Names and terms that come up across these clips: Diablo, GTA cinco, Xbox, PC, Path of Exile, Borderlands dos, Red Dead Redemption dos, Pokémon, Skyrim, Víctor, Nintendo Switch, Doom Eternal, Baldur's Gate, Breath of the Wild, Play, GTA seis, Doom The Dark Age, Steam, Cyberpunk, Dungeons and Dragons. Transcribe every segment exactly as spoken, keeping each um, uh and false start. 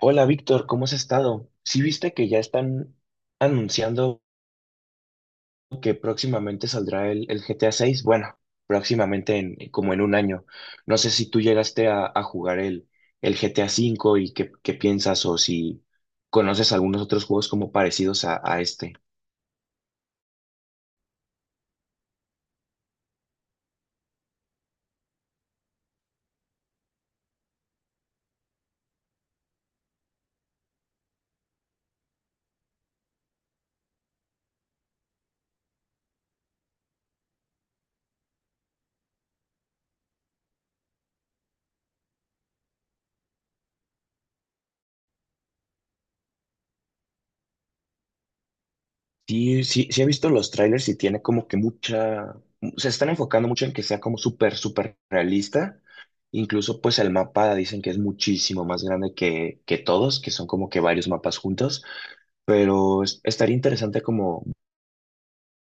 Hola Víctor, ¿cómo has estado? ¿Sí viste que ya están anunciando que próximamente saldrá el, el G T A seis? Bueno, próximamente en, como en un año. No sé si tú llegaste a, a jugar el, el G T A cinco y qué, qué piensas, o si conoces algunos otros juegos como parecidos a, a este. Sí, sí, sí, he visto los trailers y tiene como que mucha, se están enfocando mucho en que sea como súper, súper realista. Incluso pues el mapa dicen que es muchísimo más grande que, que todos, que son como que varios mapas juntos, pero es- estaría interesante como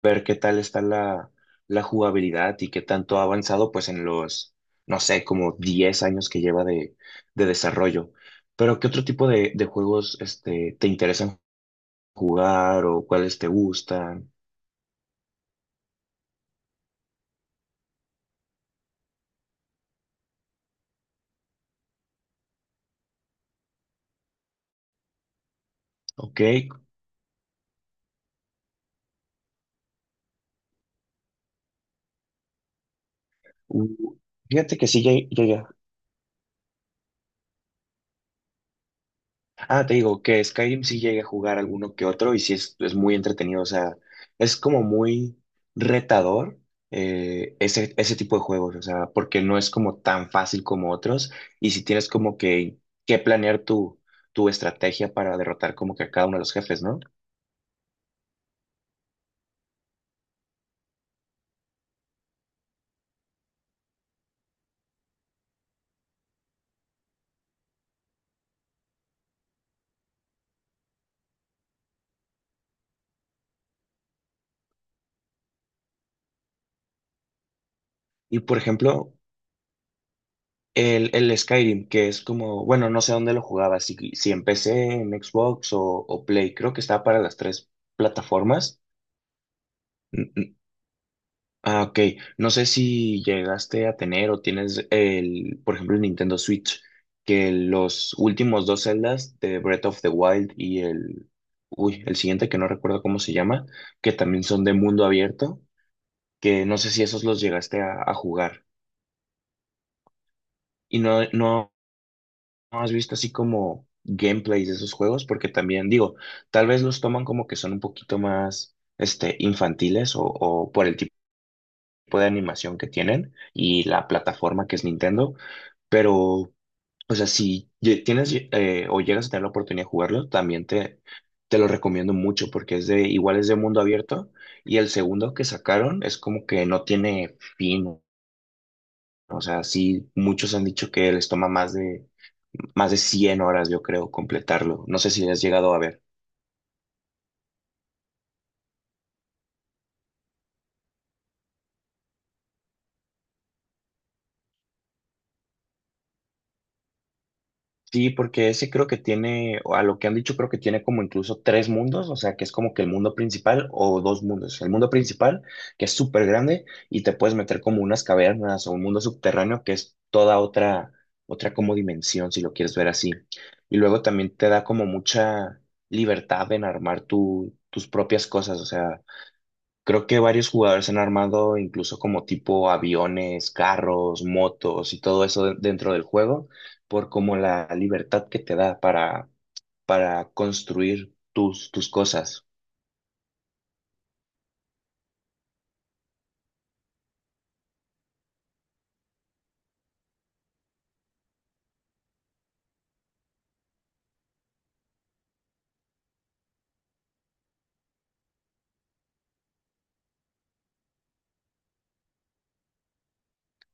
ver qué tal está la, la jugabilidad y qué tanto ha avanzado pues en los, no sé, como diez años que lleva de, de desarrollo. Pero ¿qué otro tipo de, de juegos, este, te interesan jugar o cuáles te gustan? Ok. Uh, Fíjate que sí lle- llega. Ah, te digo que Skyrim sí llega a jugar alguno que otro y sí es, es muy entretenido. O sea, es como muy retador, eh, ese, ese tipo de juegos. O sea, porque no es como tan fácil como otros. Y si tienes como que, que planear tu, tu estrategia para derrotar como que a cada uno de los jefes, ¿no? Y por ejemplo, el, el Skyrim, que es como, bueno, no sé dónde lo jugaba, si, si empecé en P C, en Xbox o, o Play, creo que estaba para las tres plataformas. Ah, ok. No sé si llegaste a tener o tienes el, por ejemplo, el Nintendo Switch, que los últimos dos Zeldas, de Breath of the Wild y el, uy, el siguiente que no recuerdo cómo se llama, que también son de mundo abierto, que no sé si esos los llegaste a, a jugar. Y no, no, no has visto así como gameplays de esos juegos, porque también digo, tal vez los toman como que son un poquito más, este, infantiles, o, o por el tipo tipo de animación que tienen y la plataforma que es Nintendo, pero, o sea, si lle- tienes, eh, o llegas a tener la oportunidad de jugarlo, también te, te lo recomiendo mucho porque es de, igual es de mundo abierto, y el segundo que sacaron es como que no tiene fin, o sea, sí, muchos han dicho que les toma más de, más de cien horas, yo creo, completarlo. No sé si has llegado a ver. Sí, porque ese creo que tiene, o a lo que han dicho, creo que tiene como incluso tres mundos, o sea, que es como que el mundo principal o dos mundos. El mundo principal, que es súper grande, y te puedes meter como unas cavernas o un mundo subterráneo, que es toda otra, otra como dimensión, si lo quieres ver así. Y luego también te da como mucha libertad en armar tu, tus propias cosas, o sea. Creo que varios jugadores han armado incluso como tipo aviones, carros, motos y todo eso de- dentro del juego, por como la libertad que te da para, para construir tus, tus cosas.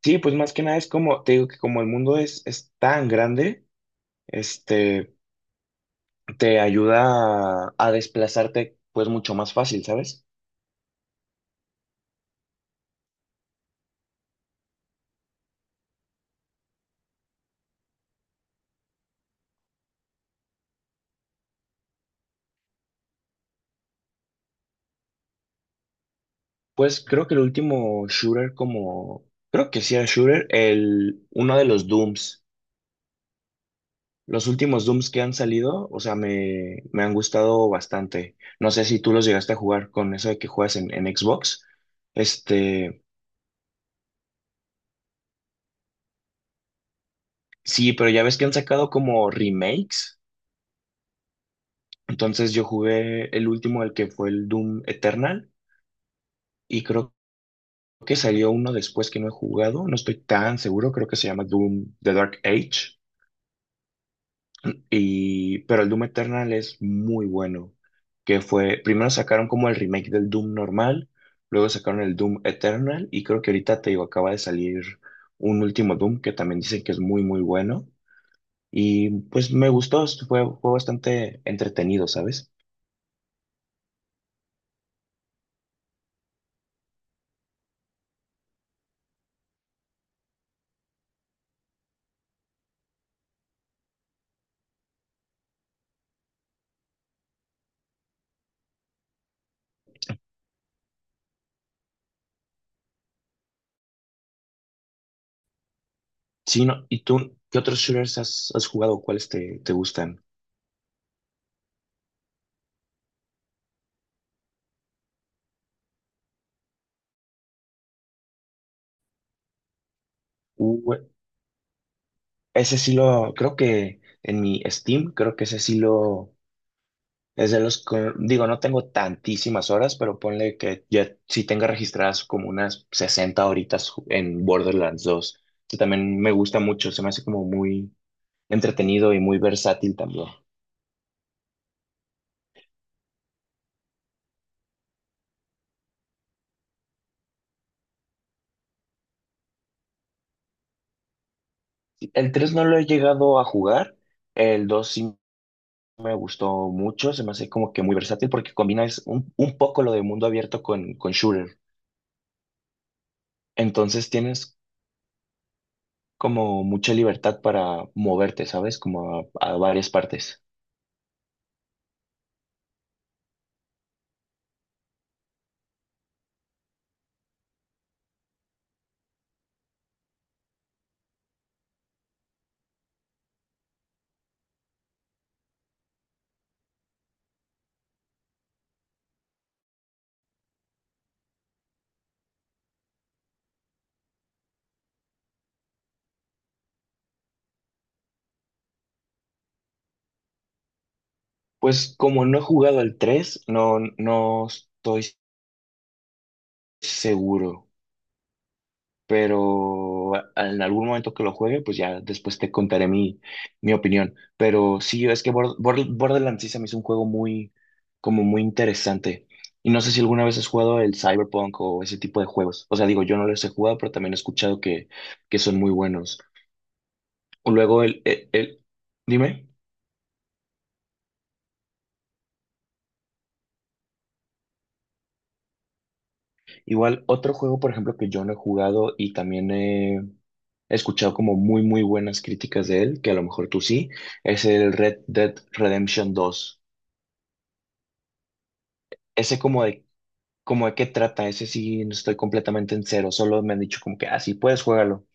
Sí, pues más que nada es como, te digo que como el mundo es, es tan grande, este, te ayuda a, a desplazarte pues mucho más fácil, ¿sabes? Pues creo que el último shooter como, creo que sí era shooter, el, uno de los Dooms. Los últimos Dooms que han salido, o sea, me, me han gustado bastante. No sé si tú los llegaste a jugar con eso de que juegas en, en Xbox. Este, sí, pero ya ves que han sacado como remakes. Entonces yo jugué el último, el que fue el Doom Eternal, y creo que salió uno después que no he jugado. No estoy tan seguro, creo que se llama Doom The Dark Age. Y, pero el Doom Eternal es muy bueno, que fue, primero sacaron como el remake del Doom normal, luego sacaron el Doom Eternal, y creo que ahorita te digo, acaba de salir un último Doom que también dicen que es muy, muy bueno. Y pues me gustó, esto fue, fue bastante entretenido, ¿sabes? Sí, no, ¿y tú qué otros shooters has, has jugado? ¿Cuáles te, te gustan? Uh, ese sí lo, creo que en mi Steam, creo que ese sí lo. Es de los, que- digo, no tengo tantísimas horas, pero ponle que ya sí tenga registradas como unas sesenta horitas ju- en Borderlands dos, que también me gusta mucho, se me hace como muy entretenido y muy versátil también. El tres no lo he llegado a jugar, el dos sí me gustó mucho, se me hace como que muy versátil porque combina es un, un poco lo de mundo abierto con, con shooter. Entonces tienes como mucha libertad para moverte, ¿sabes? Como a a varias partes. Pues como no he jugado al tres no, no estoy seguro, pero a- en algún momento que lo juegue, pues ya después te contaré mi, mi opinión. Pero sí, es que Bor- Bor- Borderlands sí se me hizo un juego muy, como muy interesante. Y no sé si alguna vez has jugado el Cyberpunk o ese tipo de juegos. O sea, digo, yo no los he jugado, pero también he escuchado que, que son muy buenos. Luego el, el, el- dime. Igual, otro juego, por ejemplo, que yo no he jugado y también he escuchado como muy, muy buenas críticas de él, que a lo mejor tú sí, es el Red Dead Redemption dos. Ese como de, como de qué trata, ese sí no estoy completamente en cero, solo me han dicho como que, ah, sí, puedes jugarlo.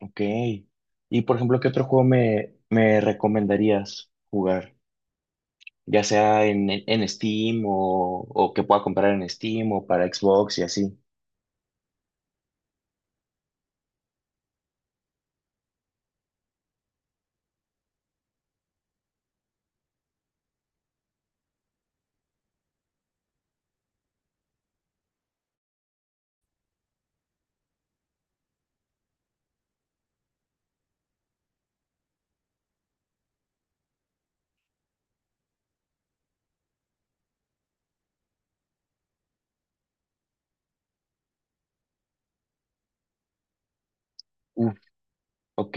Ok. Y, por ejemplo, ¿qué otro juego me, me recomendarías jugar? Ya sea en, en Steam o, o que pueda comprar en Steam o para Xbox y así. Uf, ok.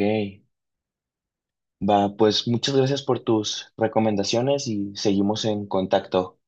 Va, pues muchas gracias por tus recomendaciones y seguimos en contacto.